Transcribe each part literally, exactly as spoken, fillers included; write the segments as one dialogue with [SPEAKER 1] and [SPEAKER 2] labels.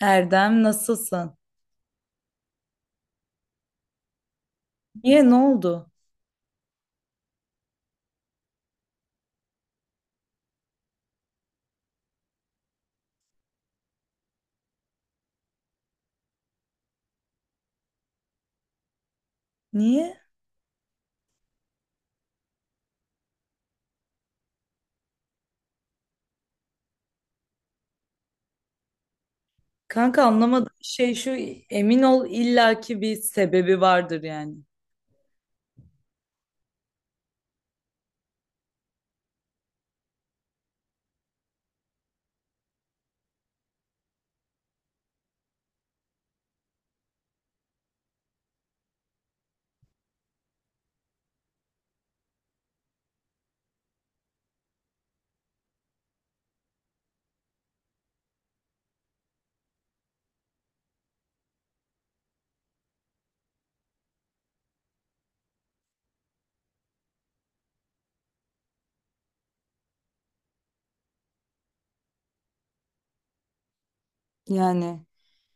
[SPEAKER 1] Erdem nasılsın? Niye ne oldu? Niye? Kanka anlamadım. Şey şu emin ol illaki bir sebebi vardır yani. Yani.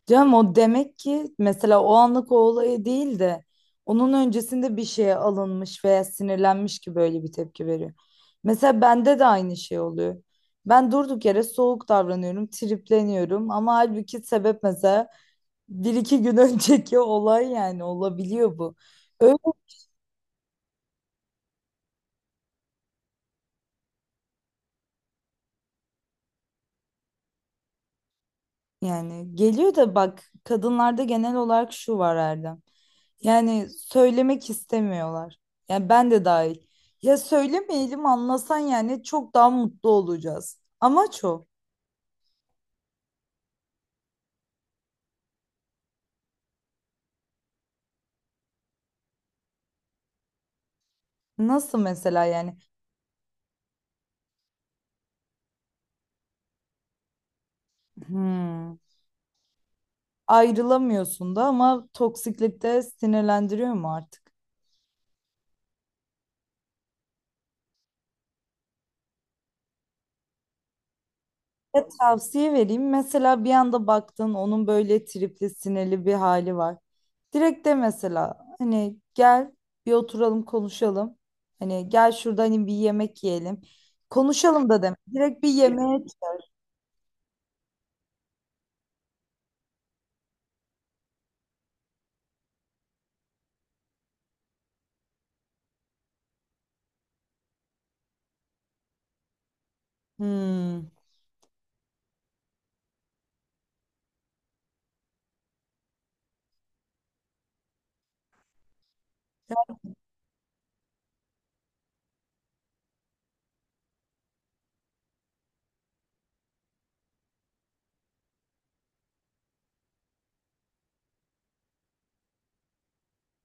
[SPEAKER 1] Canım o demek ki mesela o anlık o olayı değil de onun öncesinde bir şeye alınmış veya sinirlenmiş ki böyle bir tepki veriyor. Mesela bende de aynı şey oluyor. Ben durduk yere soğuk davranıyorum, tripleniyorum ama halbuki sebep mesela bir iki gün önceki olay yani olabiliyor bu. Öyle yani geliyor da bak kadınlarda genel olarak şu var Erdem. Yani söylemek istemiyorlar. Yani ben de dahil. Ya söylemeyelim anlasan yani çok daha mutlu olacağız. Amaç o. Nasıl mesela yani? Hmm, ayrılamıyorsun da ama toksiklikte sinirlendiriyor mu artık? Ya tavsiye vereyim. Mesela bir anda baktın onun böyle tripli sinirli bir hali var. Direkt de mesela hani gel bir oturalım konuşalım. Hani gel şurada hani bir yemek yiyelim. Konuşalım da deme. Direkt bir yemeğe. Hmm.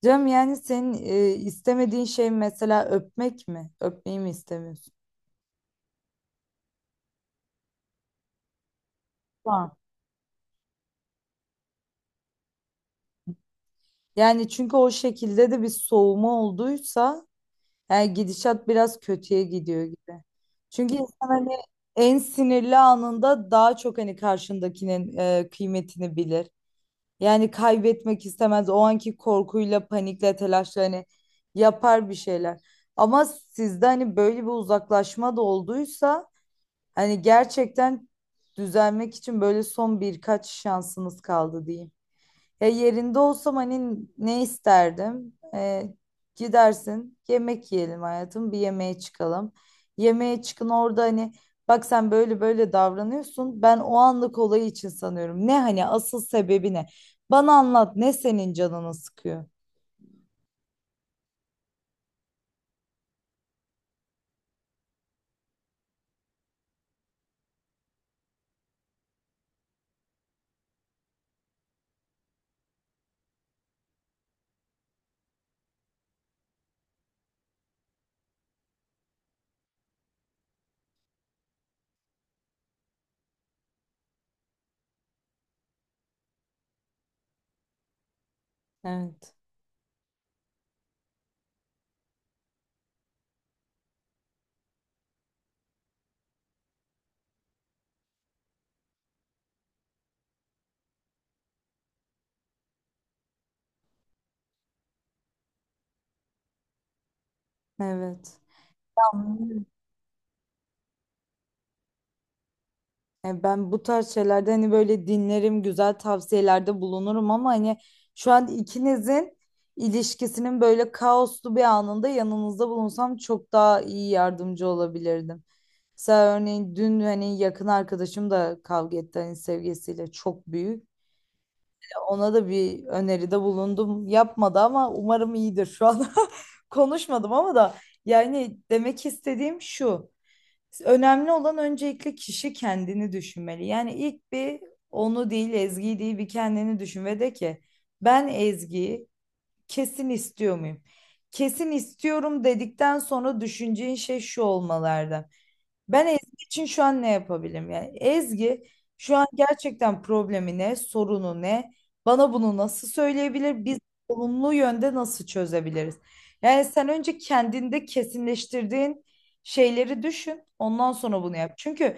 [SPEAKER 1] Cem yani senin e, istemediğin şey mesela öpmek mi? Öpmeyi mi istemiyorsun? Tamam. Yani çünkü o şekilde de bir soğuma olduysa yani gidişat biraz kötüye gidiyor gibi. Çünkü insan hani en sinirli anında daha çok hani karşındakinin e, kıymetini bilir. Yani kaybetmek istemez. O anki korkuyla, panikle, telaşla hani yapar bir şeyler. Ama sizde hani böyle bir uzaklaşma da olduysa. Hani gerçekten düzelmek için böyle son birkaç şansınız kaldı diyeyim. Ya yerinde olsam hani ne isterdim? Ee, gidersin yemek yiyelim hayatım bir yemeğe çıkalım. Yemeğe çıkın orada hani bak sen böyle böyle davranıyorsun. Ben o anlık olayı için sanıyorum. Ne hani asıl sebebi ne? Bana anlat ne senin canını sıkıyor? Evet. Evet. Anlıyorum. Yani ben bu tarz şeylerde hani böyle dinlerim, güzel tavsiyelerde bulunurum ama hani şu an ikinizin ilişkisinin böyle kaoslu bir anında yanınızda bulunsam çok daha iyi yardımcı olabilirdim. Mesela örneğin dün hani yakın arkadaşım da kavga etti hani sevgisiyle çok büyük. Ona da bir öneride bulundum. Yapmadı ama umarım iyidir şu an. Konuşmadım ama da yani demek istediğim şu. Önemli olan öncelikle kişi kendini düşünmeli. Yani ilk bir onu değil Ezgi'yi değil bir kendini düşün ve de ki ben Ezgi'yi kesin istiyor muyum? Kesin istiyorum dedikten sonra düşüneceğin şey şu olmalarda. Ben Ezgi için şu an ne yapabilirim? Yani Ezgi şu an gerçekten problemi ne, sorunu ne? Bana bunu nasıl söyleyebilir? Biz olumlu yönde nasıl çözebiliriz? Yani sen önce kendinde kesinleştirdiğin şeyleri düşün. Ondan sonra bunu yap. Çünkü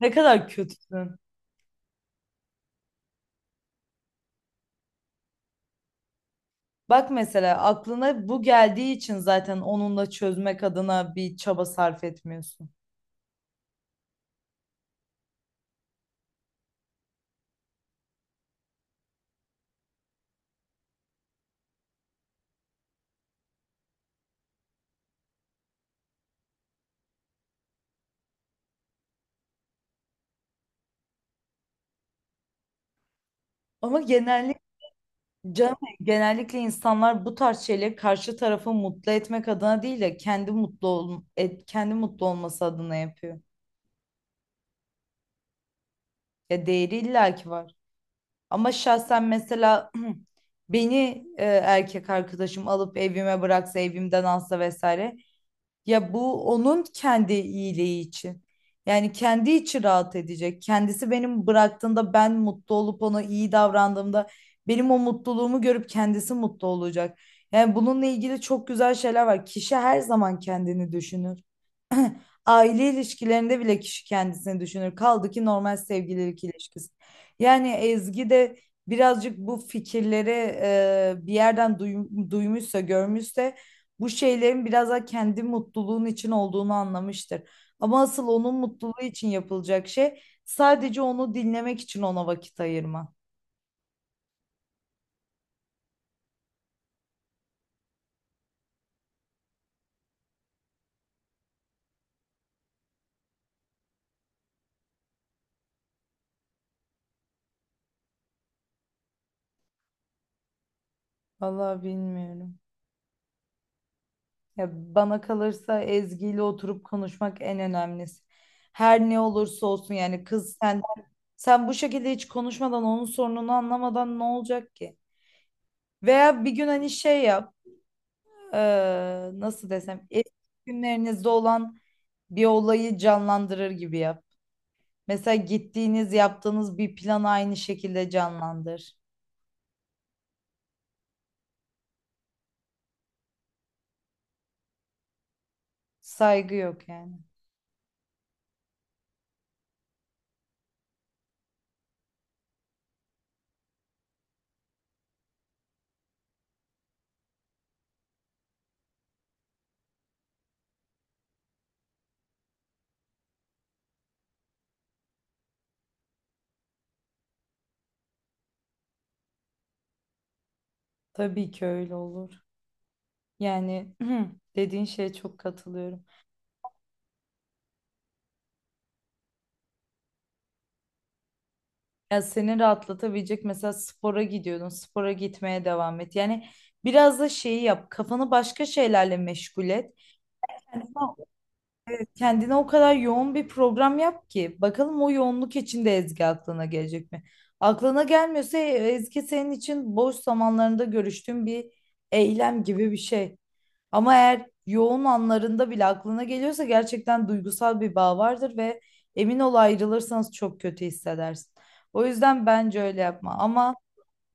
[SPEAKER 1] ne kadar kötüsün. Bak mesela aklına bu geldiği için zaten onunla çözmek adına bir çaba sarf etmiyorsun. Ama genellikle canım, genellikle insanlar bu tarz şeyleri karşı tarafı mutlu etmek adına değil de kendi mutlu ol, et, kendi mutlu olması adına yapıyor. Ya değeri illaki var. Ama şahsen mesela beni e, erkek arkadaşım alıp evime bıraksa, evimden alsa vesaire. Ya bu onun kendi iyiliği için. Yani kendi içi rahat edecek. Kendisi benim bıraktığımda ben mutlu olup ona iyi davrandığımda benim o mutluluğumu görüp kendisi mutlu olacak. Yani bununla ilgili çok güzel şeyler var. Kişi her zaman kendini düşünür. Aile ilişkilerinde bile kişi kendisini düşünür. Kaldı ki normal sevgililik ilişkisi. Yani Ezgi de birazcık bu fikirleri e, bir yerden duym- duymuşsa, görmüşse bu şeylerin biraz da kendi mutluluğun için olduğunu anlamıştır. Ama asıl onun mutluluğu için yapılacak şey sadece onu dinlemek için ona vakit ayırma. Vallahi bilmiyorum. Ya bana kalırsa Ezgi ile oturup konuşmak en önemlisi. Her ne olursa olsun yani kız sen. Sen bu şekilde hiç konuşmadan onun sorununu anlamadan ne olacak ki? Veya bir gün hani şey yap, eee, nasıl desem, eski günlerinizde olan bir olayı canlandırır gibi yap. Mesela gittiğiniz, yaptığınız bir planı aynı şekilde canlandır. Saygı yok yani. Tabii ki öyle olur. Yani dediğin şeye çok katılıyorum. Ya seni rahatlatabilecek mesela spora gidiyordun, spora gitmeye devam et. Yani biraz da şeyi yap, kafanı başka şeylerle meşgul et. Yani kendine o kadar yoğun bir program yap ki bakalım o yoğunluk içinde Ezgi aklına gelecek mi? Aklına gelmiyorsa Ezgi senin için boş zamanlarında görüştüğün bir eylem gibi bir şey. Ama eğer yoğun anlarında bile aklına geliyorsa gerçekten duygusal bir bağ vardır ve emin ol ayrılırsanız çok kötü hissedersin. O yüzden bence öyle yapma. Ama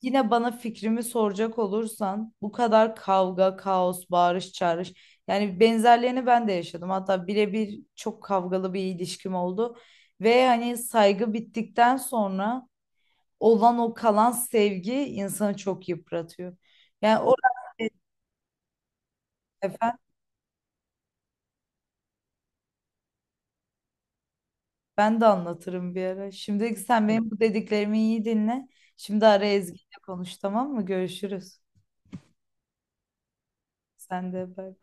[SPEAKER 1] yine bana fikrimi soracak olursan bu kadar kavga, kaos, bağırış, çağırış. Yani benzerlerini ben de yaşadım. Hatta birebir çok kavgalı bir ilişkim oldu. Ve hani saygı bittikten sonra olan o kalan sevgi insanı çok yıpratıyor. Yani o efendim ben de anlatırım bir ara. Şimdi sen benim bu dediklerimi iyi dinle. Şimdi ara Ezgi'yle konuş tamam mı? Görüşürüz. Sen de bay.